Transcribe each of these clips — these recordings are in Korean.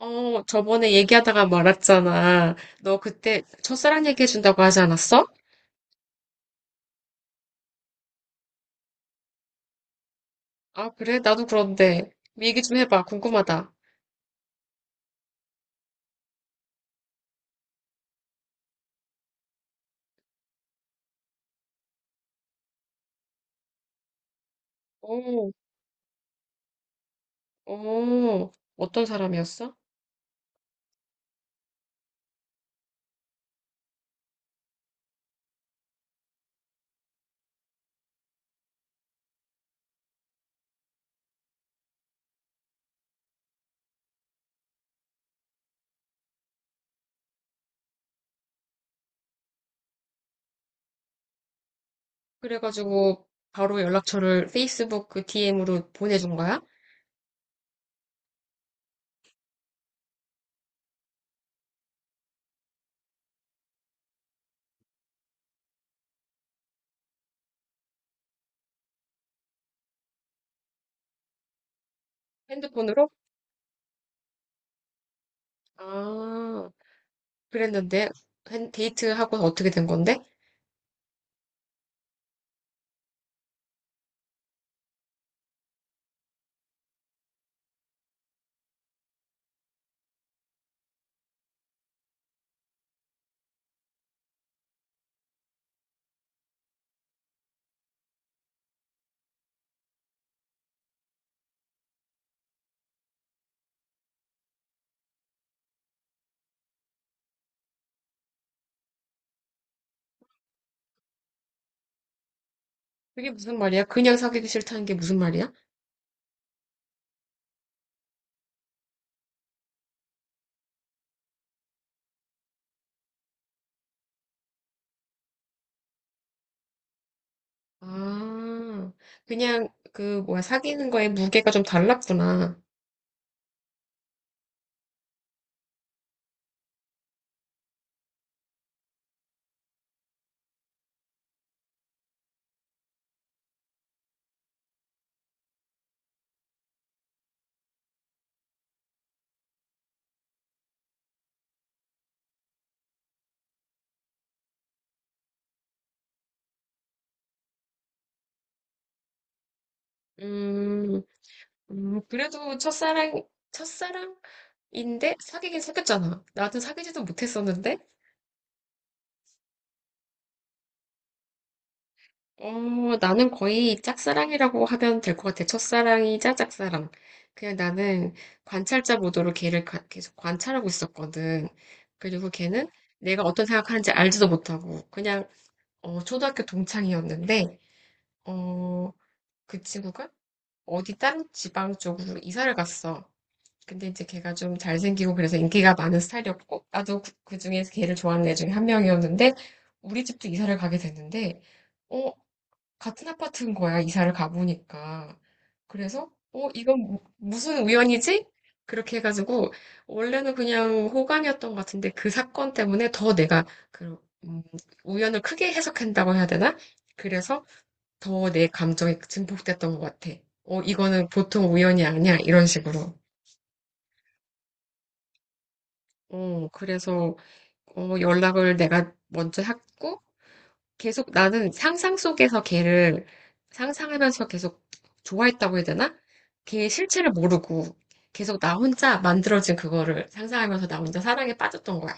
저번에 얘기하다가 말았잖아. 너 그때 첫사랑 얘기해준다고 하지 않았어? 아, 그래? 나도 그런데. 얘기 좀 해봐. 궁금하다. 오, 오, 어떤 사람이었어? 그래가지고 바로 연락처를 페이스북 그 DM으로 보내준 거야? 핸드폰으로? 아, 그랬는데 데이트하고 어떻게 된 건데? 그게 무슨 말이야? 그냥 사귀기 싫다는 게 무슨 말이야? 아, 그냥 그 뭐야 사귀는 거에 무게가 좀 달랐구나. 음, 그래도 첫사랑, 첫사랑인데 사귀긴 사귀었잖아. 나는 사귀지도 못했었는데, 나는 거의 짝사랑이라고 하면 될 것 같아. 첫사랑이자 짝사랑. 그냥 나는 관찰자 모드로 계속 관찰하고 있었거든. 그리고 걔는 내가 어떤 생각하는지 알지도 못하고, 그냥, 어, 초등학교 동창이었는데, 어, 그 친구가 어디 다른 지방 쪽으로 이사를 갔어. 근데 이제 걔가 좀 잘생기고 그래서 인기가 많은 스타일이었고 나도 그 중에서 걔를 좋아하는 애 중에 한 명이었는데 우리 집도 이사를 가게 됐는데 어 같은 아파트인 거야 이사를 가보니까 그래서 어 이건 무슨 우연이지? 그렇게 해가지고 원래는 그냥 호감이었던 것 같은데 그 사건 때문에 더 내가 그 음, 우연을 크게 해석한다고 해야 되나? 그래서 더 내 감정이 증폭됐던 것 같아. 어 이거는 보통 우연이 아니야 이런 식으로. 어, 그래서 어, 연락을 내가 먼저 했고 계속 나는 상상 속에서 걔를 상상하면서 계속 좋아했다고 해야 되나? 걔의 실체를 모르고 계속 나 혼자 만들어진 그거를 상상하면서 나 혼자 사랑에 빠졌던 거야.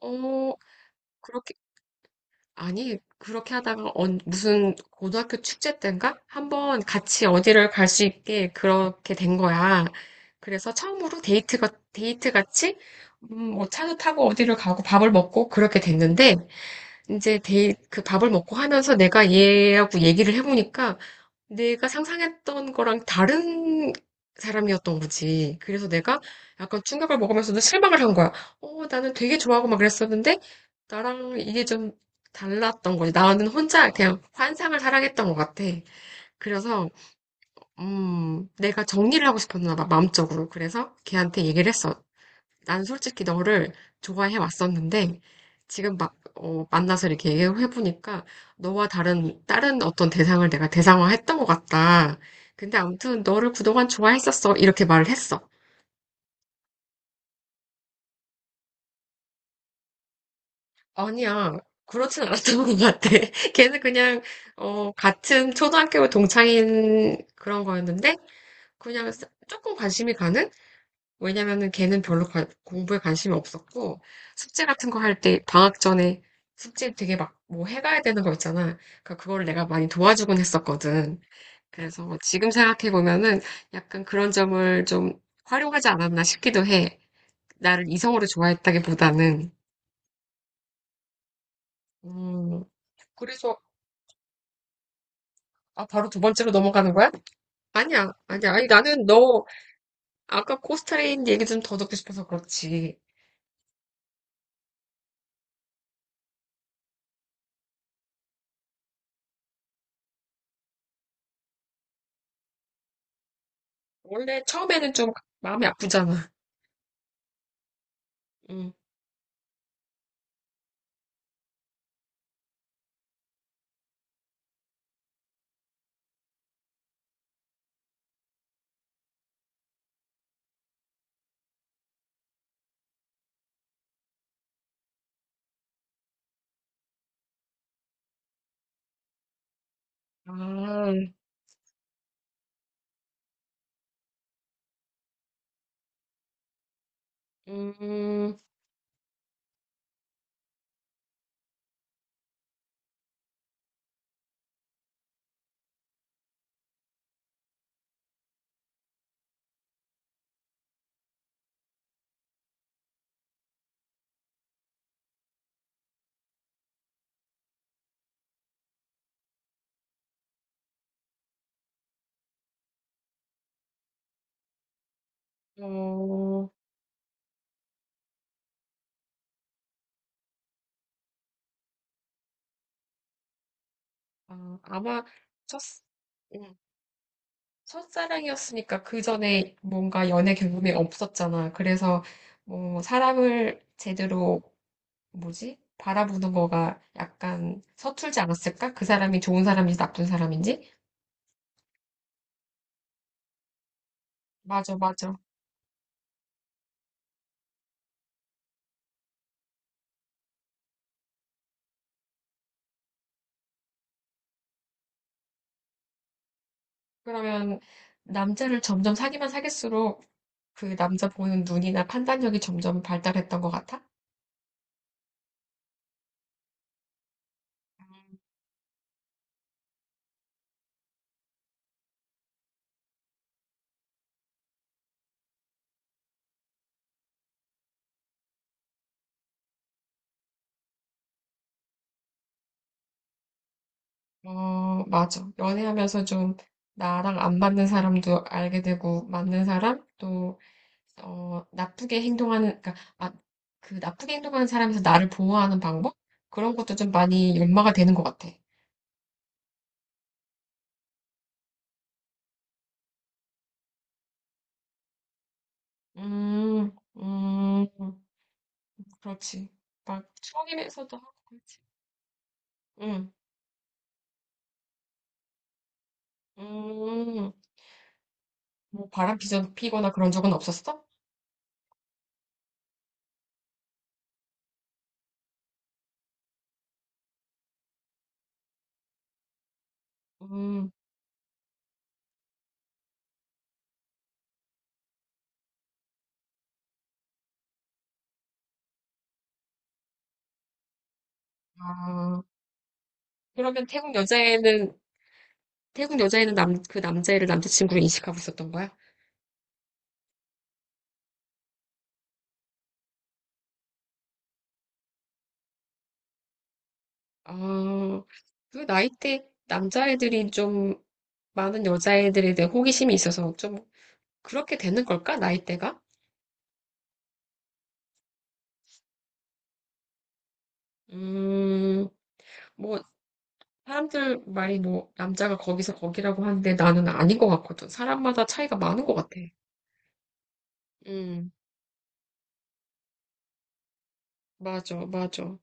어, 그렇게 아니, 무슨 고등학교 축제 때인가? 한번 같이 어디를 갈 수 있게 그렇게 된 거야. 그래서 처음으로 데이트 같이, 뭐 차도 타고 어디를 가고 밥을 먹고 그렇게 됐는데, 이제 그 밥을 먹고 하면서 내가 얘하고 얘기를 해보니까 내가 상상했던 거랑 다른 사람이었던 거지. 그래서 내가 약간 충격을 먹으면서도 실망을 한 거야. 어, 나는 되게 좋아하고 막 그랬었는데, 나랑 이게 좀 달랐던 거지. 나는 혼자 그냥 환상을 사랑했던 것 같아. 그래서, 내가 정리를 하고 싶었나 봐, 마음적으로. 그래서 걔한테 얘기를 했어. 난 솔직히 너를 좋아해 왔었는데, 지금 막, 어, 만나서 이렇게 얘기해보니까, 너와 다른 어떤 대상을 내가 대상화했던 것 같다. 근데 아무튼 너를 그동안 좋아했었어. 이렇게 말을 했어. 아니야. 그렇진 않았던 것 같아. 걔는 그냥, 어, 같은 초등학교 동창인 그런 거였는데, 그냥 조금 관심이 가는? 왜냐면은 걔는 별로 공부에 관심이 없었고, 숙제 같은 거 할 때, 방학 전에 숙제 되게 막 뭐 해가야 되는 거 있잖아. 그러니까 그걸 내가 많이 도와주곤 했었거든. 그래서 뭐 지금 생각해보면은 약간 그런 점을 좀 활용하지 않았나 싶기도 해. 나를 이성으로 좋아했다기보다는. 음, 그래서, 아, 바로 두 번째로 넘어가는 거야? 아니야, 아니야. 아니, 나는 너 아까 코스타리인 얘기 좀 더 듣고 싶어서 그렇지. 원래 처음에는 좀 마음이 아프잖아. 음. 아, 음, 어, 아, 아마 첫, 음, 첫사랑이었으니까 그 전에 뭔가 연애 경험이 없었잖아. 그래서 뭐 사람을 제대로 뭐지? 바라보는 거가 약간 서툴지 않았을까? 그 사람이 좋은 사람인지 나쁜 사람인지? 맞아, 맞아. 그러면 남자를 점점 사귀면 사귈수록 그 남자 보는 눈이나 판단력이 점점 발달했던 것 같아? 어, 맞아. 연애하면서 좀 나랑 안 맞는 사람도 알게 되고, 맞는 사람, 또, 어, 나쁘게 행동하는, 그러니까, 아, 그 나쁘게 행동하는 사람에서 나를 보호하는 방법? 그런 것도 좀 많이 연마가 되는 것 같아. 음, 음, 그렇지. 막, 추억이면서도 하고, 그렇지. 응, 음, 뭐 바람 피거나 그런 적은 없었어? 음, 아, 그러면 태국 여자애는 남, 그 남자애를 남자친구로 인식하고 있었던 거야? 아, 그 나이대 남자애들이 좀 많은 여자애들에 대해 호기심이 있어서 좀 그렇게 되는 걸까? 나이대가? 음, 뭐 사람들 말이 뭐 남자가 거기서 거기라고 하는데 나는 아닌 것 같거든. 사람마다 차이가 많은 것 같아. 음, 맞아, 맞아.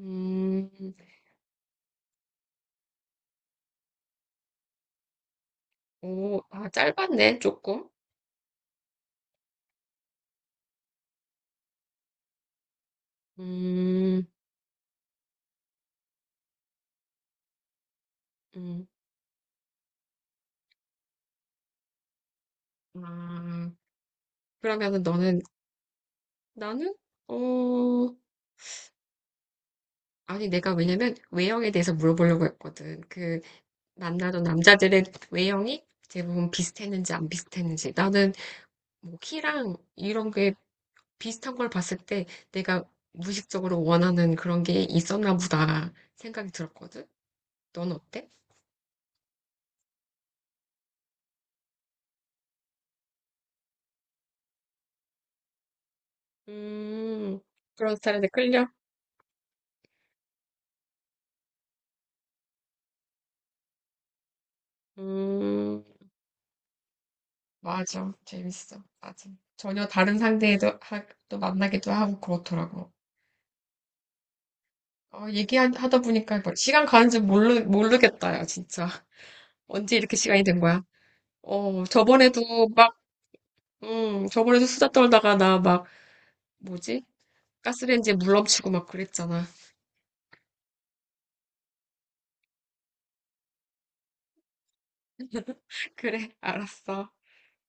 음, 오, 아, 짧았네, 조금. 음, 음, 아, 그러면은 너는, 나는? 어, 아니, 내가 왜냐면 외형에 대해서 물어보려고 했거든. 그, 만나던 남자들의 외형이 대부분 비슷했는지 안 비슷했는지. 나는 뭐 키랑 이런 게 비슷한 걸 봤을 때 내가 무의식적으로 원하는 그런 게 있었나 보다 생각이 들었거든. 넌 어때? 음, 그런 스타일에 끌려? 음, 맞아. 재밌어. 맞아. 전혀 다른 상대에도 하, 또 만나기도 하고 그렇더라고. 어, 얘기하다 보니까 뭐 시간 가는 줄 모르겠다, 야, 진짜. 언제 이렇게 시간이 된 거야? 어, 저번에도 막, 저번에도 수다 떨다가 나 막, 뭐지? 가스레인지에 물 넘치고 막 그랬잖아. 그래, 알았어.